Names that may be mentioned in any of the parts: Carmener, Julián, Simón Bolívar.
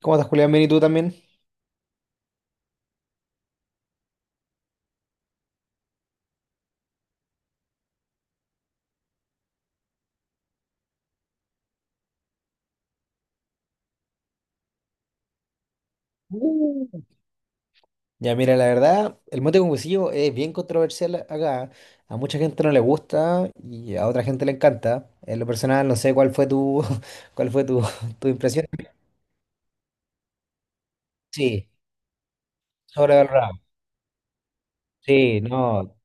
¿Cómo estás, Julián? Bien, ¿y tú también? Uh. Ya, mira, la verdad, el mote con huesillo es bien controversial acá. A mucha gente no le gusta y a otra gente le encanta. En lo personal, no sé cuál fue tu, cuál fue tu, tu impresión. Sí, sobrevalorado. Sí, no,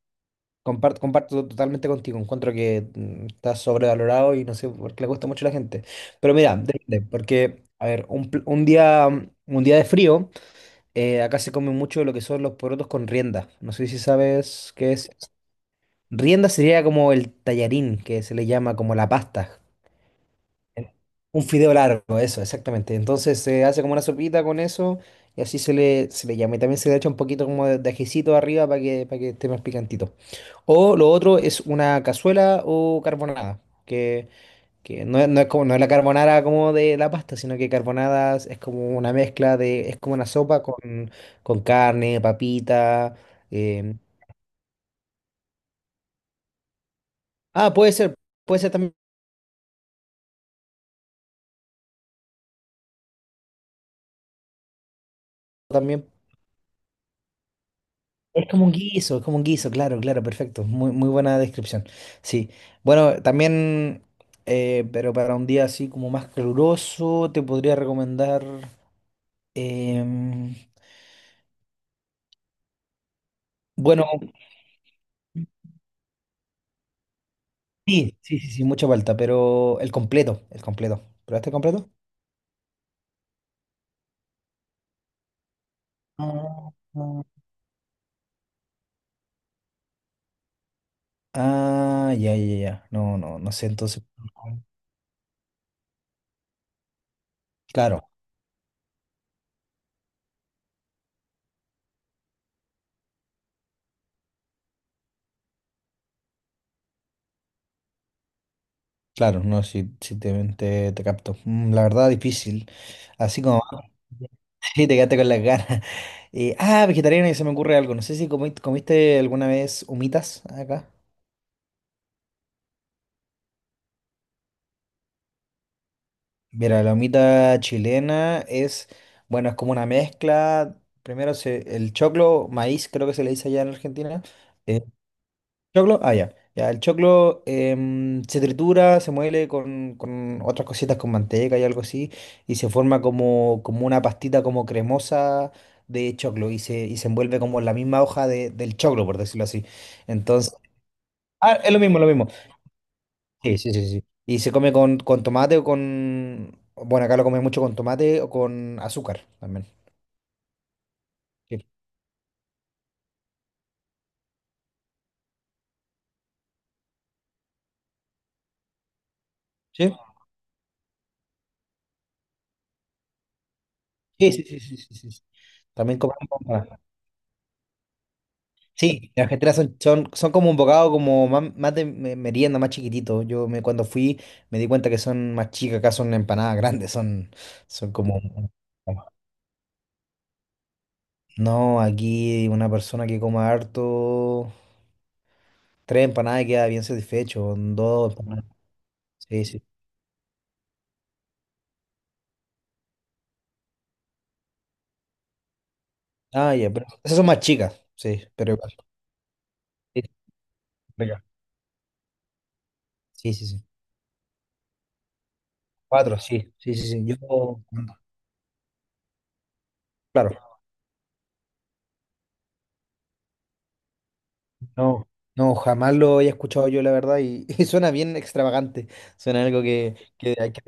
comparto totalmente contigo. Encuentro que está sobrevalorado y no sé por qué le gusta mucho a la gente. Pero mira, depende, porque, a ver, un día de frío, acá se come mucho lo que son los porotos con rienda. No sé si sabes qué es. Rienda sería como el tallarín, que se le llama como la pasta. Un fideo largo, eso, exactamente. Entonces se hace como una sopita con eso y así se le llama. Y también se le echa un poquito como de ajicito arriba para que esté más picantito. O lo otro es una cazuela o carbonada, que, que no, no es como, no es la carbonara como de la pasta, sino que carbonada es como una mezcla de, es como una sopa con carne, papita. eh, Ah, puede ser también. También es como un guiso, es como un guiso, claro, claro, perfecto. Muy, muy buena descripción. Sí. Bueno, también, pero para un día así como más caluroso, te podría recomendar. em, bueno, sí, sí, sí, sí, mucha falta, pero el completo, el completo. ¿Probaste el completo? Ah, ah, ya, ya, ya. No, no, no sé, entonces. Claro. Claro, no, si, si te, te, te capto. La verdad, difícil. Así como... Sí, te quedaste con las ganas. Ah, vegetariana y se me ocurre algo. No sé si comiste alguna vez humitas acá. Mira, la humita chilena es, bueno, es como una mezcla. Primero se, el choclo, maíz, creo que se le dice allá en Argentina. Choclo, ah, ya. Ya, el choclo, se tritura, se muele con otras cositas, con manteca y algo así, y se forma como, como una pastita como cremosa de choclo y se envuelve como en la misma hoja del choclo, por decirlo así. Entonces, ah, es lo mismo, lo mismo. Sí, sí, sí, sí. Y se come con tomate o con, bueno, acá lo comen mucho con tomate o con azúcar también. Sí, sí, sí, sí, sí, sí, sí, sí. También comemos. Sí, las cajeteras son, son, son como un bocado como más, más de merienda, más chiquitito. Yo me, cuando fui me di cuenta que son más chicas, acá son empanadas grandes, son, son como... No, aquí una persona que coma harto, tres empanadas y queda bien satisfecho, dos empanadas. Sí, sí. Ah, ya, pero esas son más chicas, sí, pero igual. Sí, rica. Sí, sí, sí. Cuatro, sí, sí, sí, sí. Yo, claro. No, no, jamás lo había escuchado yo, la verdad, y y suena bien extravagante. Suena algo que hay que...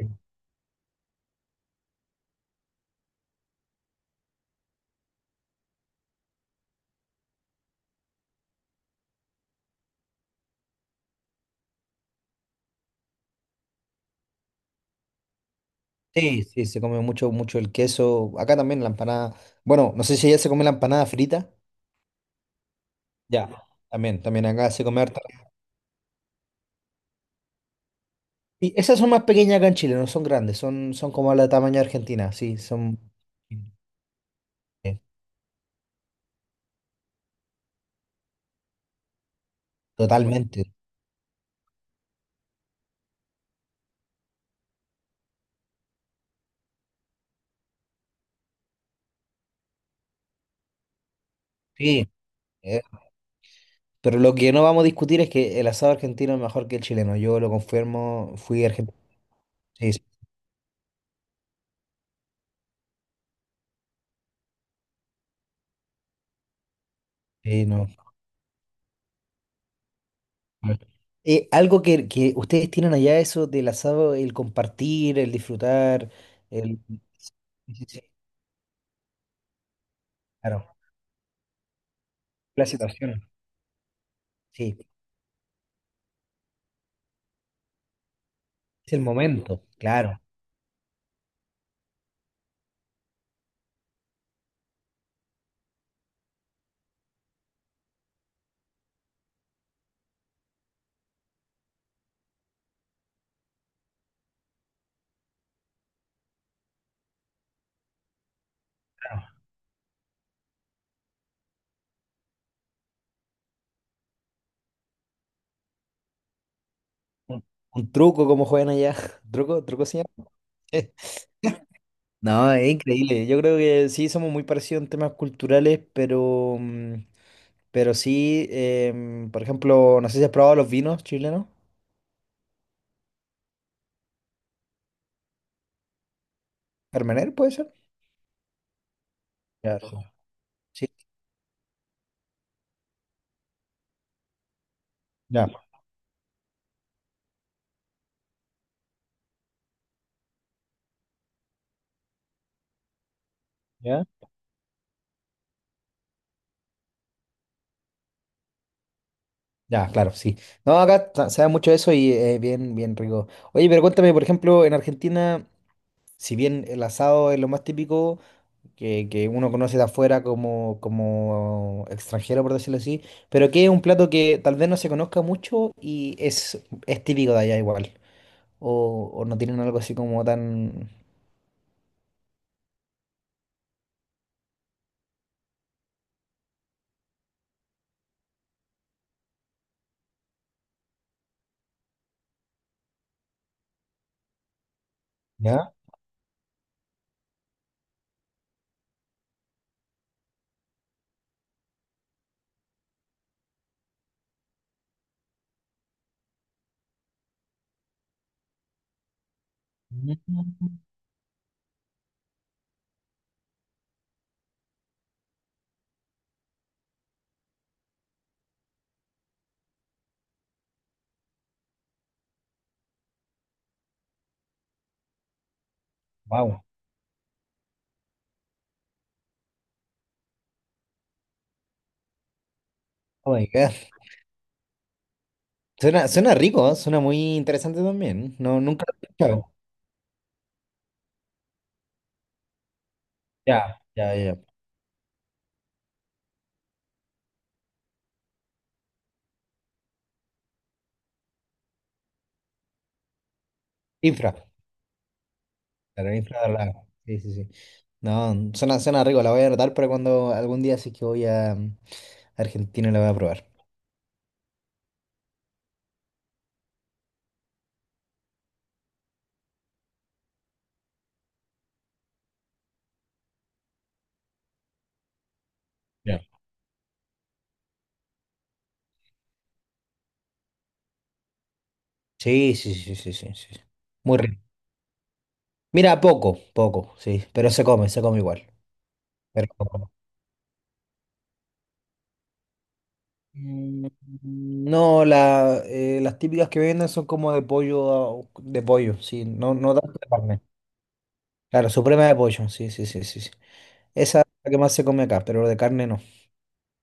Sí, sí, se come mucho, mucho el queso. Acá también la empanada. Bueno, no sé si allá se come la empanada frita. Ya, también, también acá se come harta. Y esas son más pequeñas acá en Chile, no son grandes, son, son como la tamaño de Argentina, sí, son eh, totalmente. Sí. eh, Pero lo que no vamos a discutir es que el asado argentino es mejor que el chileno. Yo lo confirmo, fui argentino. Sí, sí, sí, no. Mm. Algo que ustedes tienen allá, eso del asado, el compartir, el disfrutar, el... Sí, sí, sí, claro, la situación, sí, es el momento, claro, claro. Un, un truco como juegan allá, ¿truco, truco se llama? No, es increíble, yo creo que sí somos muy parecidos en temas culturales, pero, pero sí, por ejemplo, no sé si has probado los vinos chilenos. Carmener, ¿puede ser? Ya, sí, sí, ya. ¿Ya? Ya, claro, sí. No, se da mucho eso y es bien, bien rico. Oye, pero cuéntame, por ejemplo, en Argentina, si bien el asado es lo más típico que uno conoce de afuera como, como extranjero, por decirlo así, pero que es un plato que tal vez no se conozca mucho y es típico de allá igual. O no tienen algo así como tan... ¿Ya? Wow. Oh my God. Suena, suena rico, ¿eh? Suena muy interesante también. No, nunca lo he escuchado. Ya, ya, ya. Infra. La Ninfa de Orlando. Sí, sí, sí. No, suena, suena rico, la voy a anotar para cuando algún día sí que voy a Argentina la voy a probar. Ya. Sí, sí, sí, sí, sí, sí. Muy rico. Mira, poco, poco, sí, pero se come igual. Pero Mm, no, la, las típicas que venden son como de pollo, ah, de pollo, sí, no, no tanto de carne. Claro, suprema de pollo, sí, sí, sí, sí, sí. Esa es la que más se come acá, pero de carne no,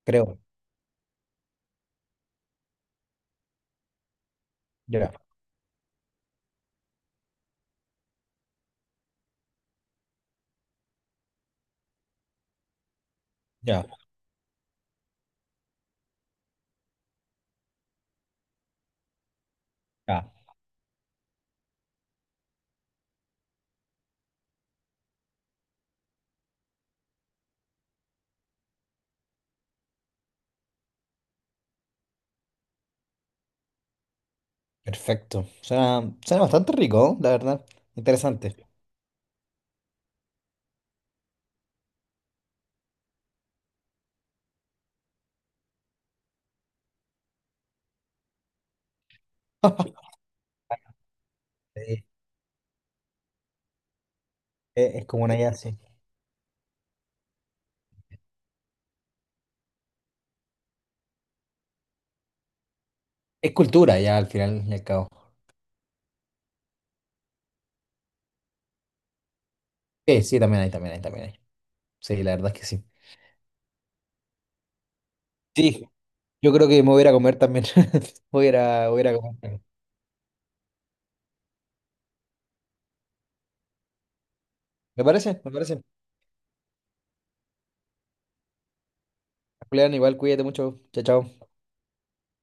creo. Ya, ya, ya. Perfecto. Suena, suena bastante rico, ¿no? La verdad. Interesante. Sí, es como una idea así. Es cultura ya al final y al cabo. Sí, sí, también hay, también hay, también hay. Sí, la verdad es que sí. Sí, yo creo que me voy a ir a comer también. Voy a ir a, voy a ir a comer. ¿Me parece? ¿Me parece? Julián, igual cuídate mucho. Chao, chao.